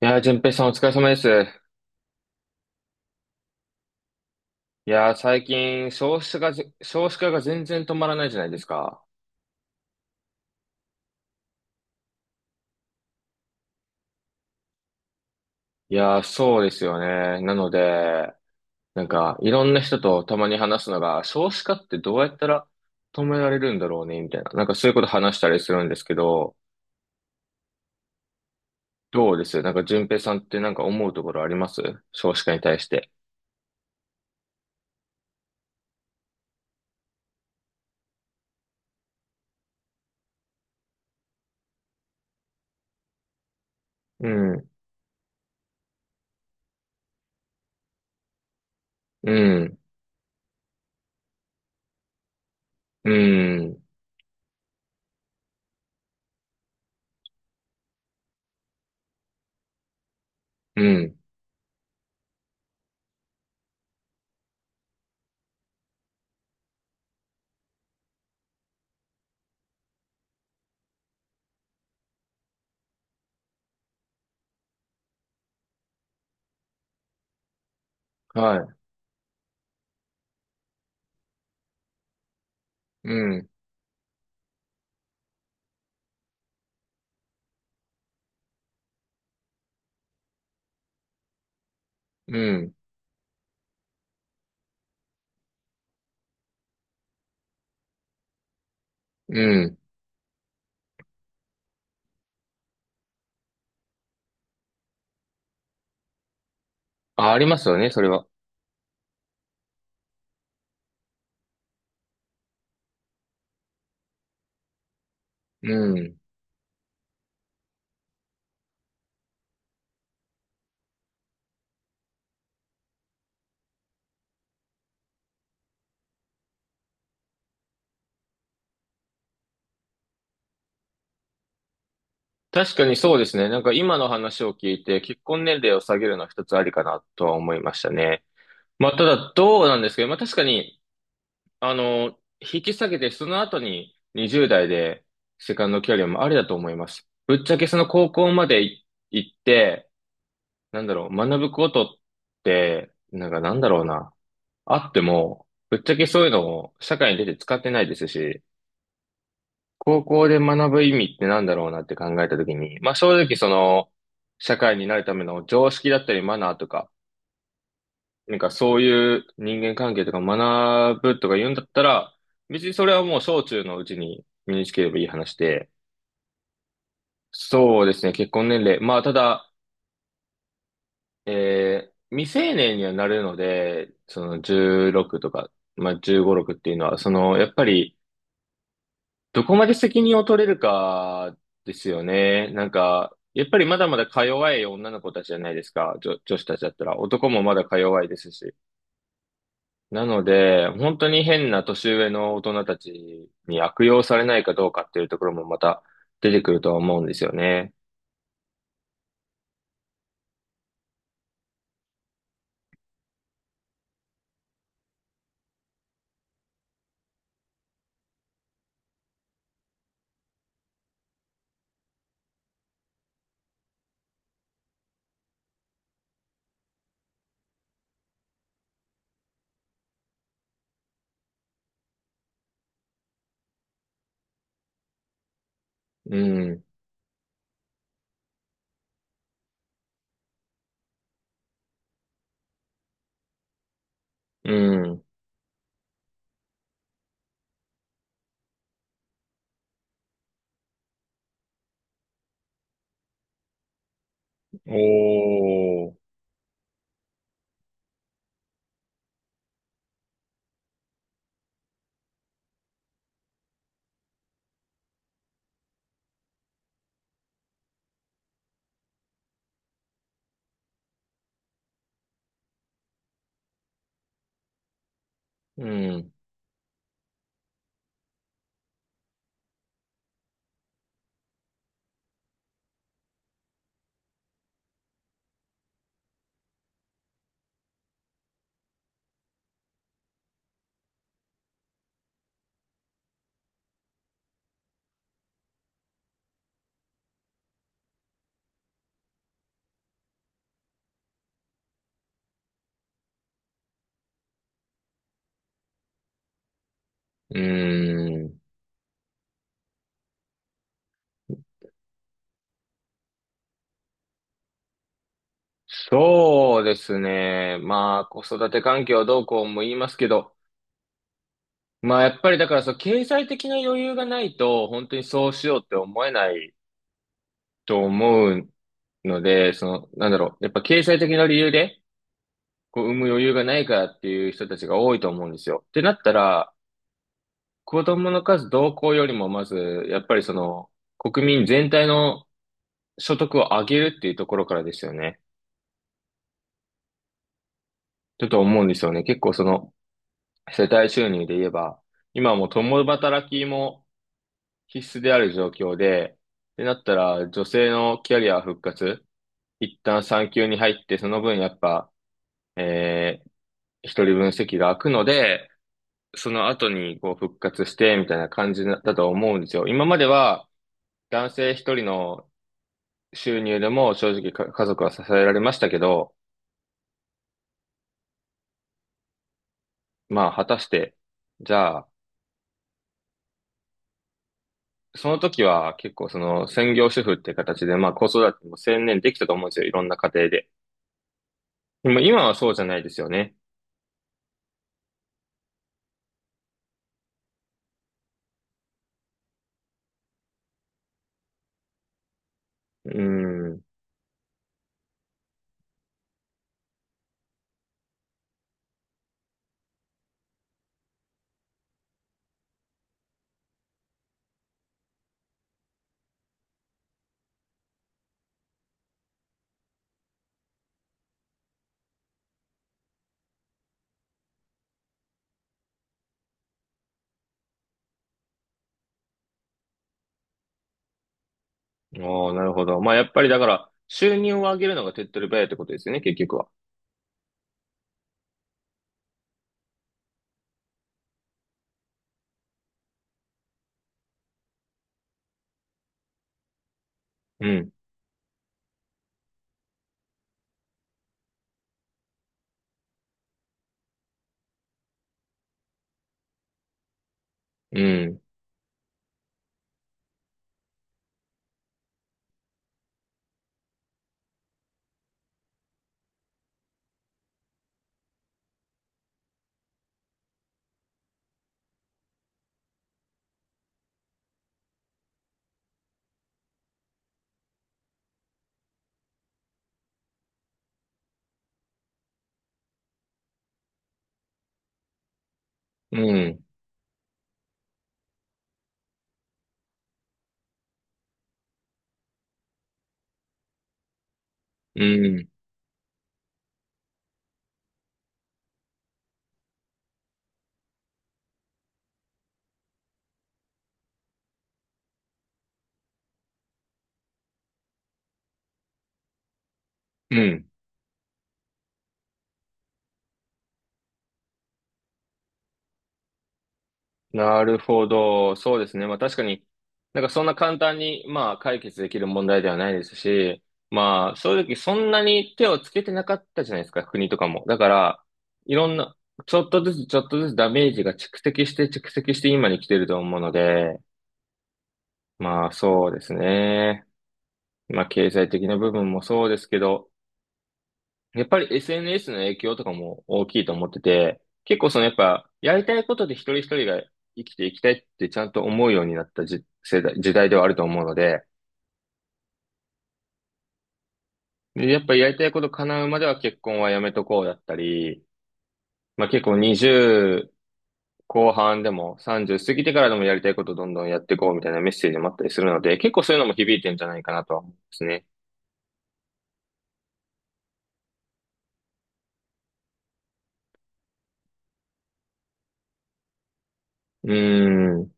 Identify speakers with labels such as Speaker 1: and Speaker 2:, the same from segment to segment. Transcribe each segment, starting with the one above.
Speaker 1: 淳平さんお疲れ様です。最近少子化が少子化が全然止まらないじゃないですか。そうですよね。なので、いろんな人とたまに話すのが、少子化ってどうやったら止められるんだろうね、みたいな。なんかそういうこと話したりするんですけど、どうですなんか淳平さんってなんか思うところあります少子化に対して。うん、うん、うん、うん、はい、うん、うん、うん。あ、ありますよね、それは。うん、確かにそうですね。なんか今の話を聞いて、結婚年齢を下げるのは一つありかなとは思いましたね。まあ、ただどうなんですけど、まあ確かに、あの、引き下げてその後に20代でセカンドキャリアもありだと思います。ぶっちゃけその高校まで行って、なんだろう、学ぶことって、なんかなんだろうな、あっても、ぶっちゃけそういうのを社会に出て使ってないですし、高校で学ぶ意味ってなんだろうなって考えたときに、まあ正直その、社会になるための常識だったりマナーとか、なんかそういう人間関係とか学ぶとか言うんだったら、別にそれはもう小中のうちに身につければいい話で、そうですね、結婚年齢。まあただ、未成年にはなるので、その16とか、まあ15、6っていうのは、その、やっぱり、どこまで責任を取れるかですよね。なんか、やっぱりまだまだか弱い女の子たちじゃないですか。女子たちだったら。男もまだか弱いですし。なので、本当に変な年上の大人たちに悪用されないかどうかっていうところもまた出てくるとは思うんですよね。うん。うん。おー。うん。うん。そうですね。まあ、子育て環境どうこうも言いますけど、まあやっぱりだからそう、経済的な余裕がないと、本当にそうしようって思えないと思うので、その、なんだろう、やっぱ経済的な理由で、こう、産む余裕がないからっていう人たちが多いと思うんですよ。ってなったら、子供の数同行よりも、まず、やっぱりその、国民全体の所得を上げるっていうところからですよね。ちょっと思うんですよね。結構その、世帯収入で言えば、今はもう共働きも、必須である状況で、ってなったら、女性のキャリア復活、一旦産休に入って、その分やっぱ、えー、一人分席が空くので、その後にこう復活して、みたいな感じだと思うんですよ。今までは、男性一人の収入でも正直か家族は支えられましたけど、まあ、果たして、じゃあ、その時は結構その専業主婦って形で、まあ子育ても専念できたと思うんですよ。いろんな家庭で。でも今はそうじゃないですよね。うん。ああ、なるほど。まあ、やっぱりだから、収入を上げるのが手っ取り早いってことですよね、結局は。うん。うん。うん。うん。うん。なるほど。そうですね。まあ、確かに、なんかそんな簡単に、まあ、解決できる問題ではないですし、まあ、正直そんなに手をつけてなかったじゃないですか、国とかも。だから、いろんな、ちょっとずつちょっとずつダメージが蓄積して蓄積して今に来てると思うので、まあ、そうですね。まあ、経済的な部分もそうですけど、やっぱり SNS の影響とかも大きいと思ってて、結構そのやっぱ、やりたいことで一人一人が生きていきたいってちゃんと思うようになった世代、時代ではあると思うので、でやっぱりやりたいこと叶うまでは結婚はやめとこうだったり、まあ結構20後半でも30過ぎてからでもやりたいことどんどんやっていこうみたいなメッセージもあったりするので、結構そういうのも響いてんじゃないかなとは思うんですね。うーん。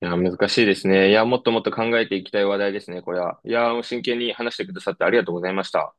Speaker 1: いや、難しいですね。いや、もっともっと考えていきたい話題ですね、これは。いや、真剣に話してくださってありがとうございました。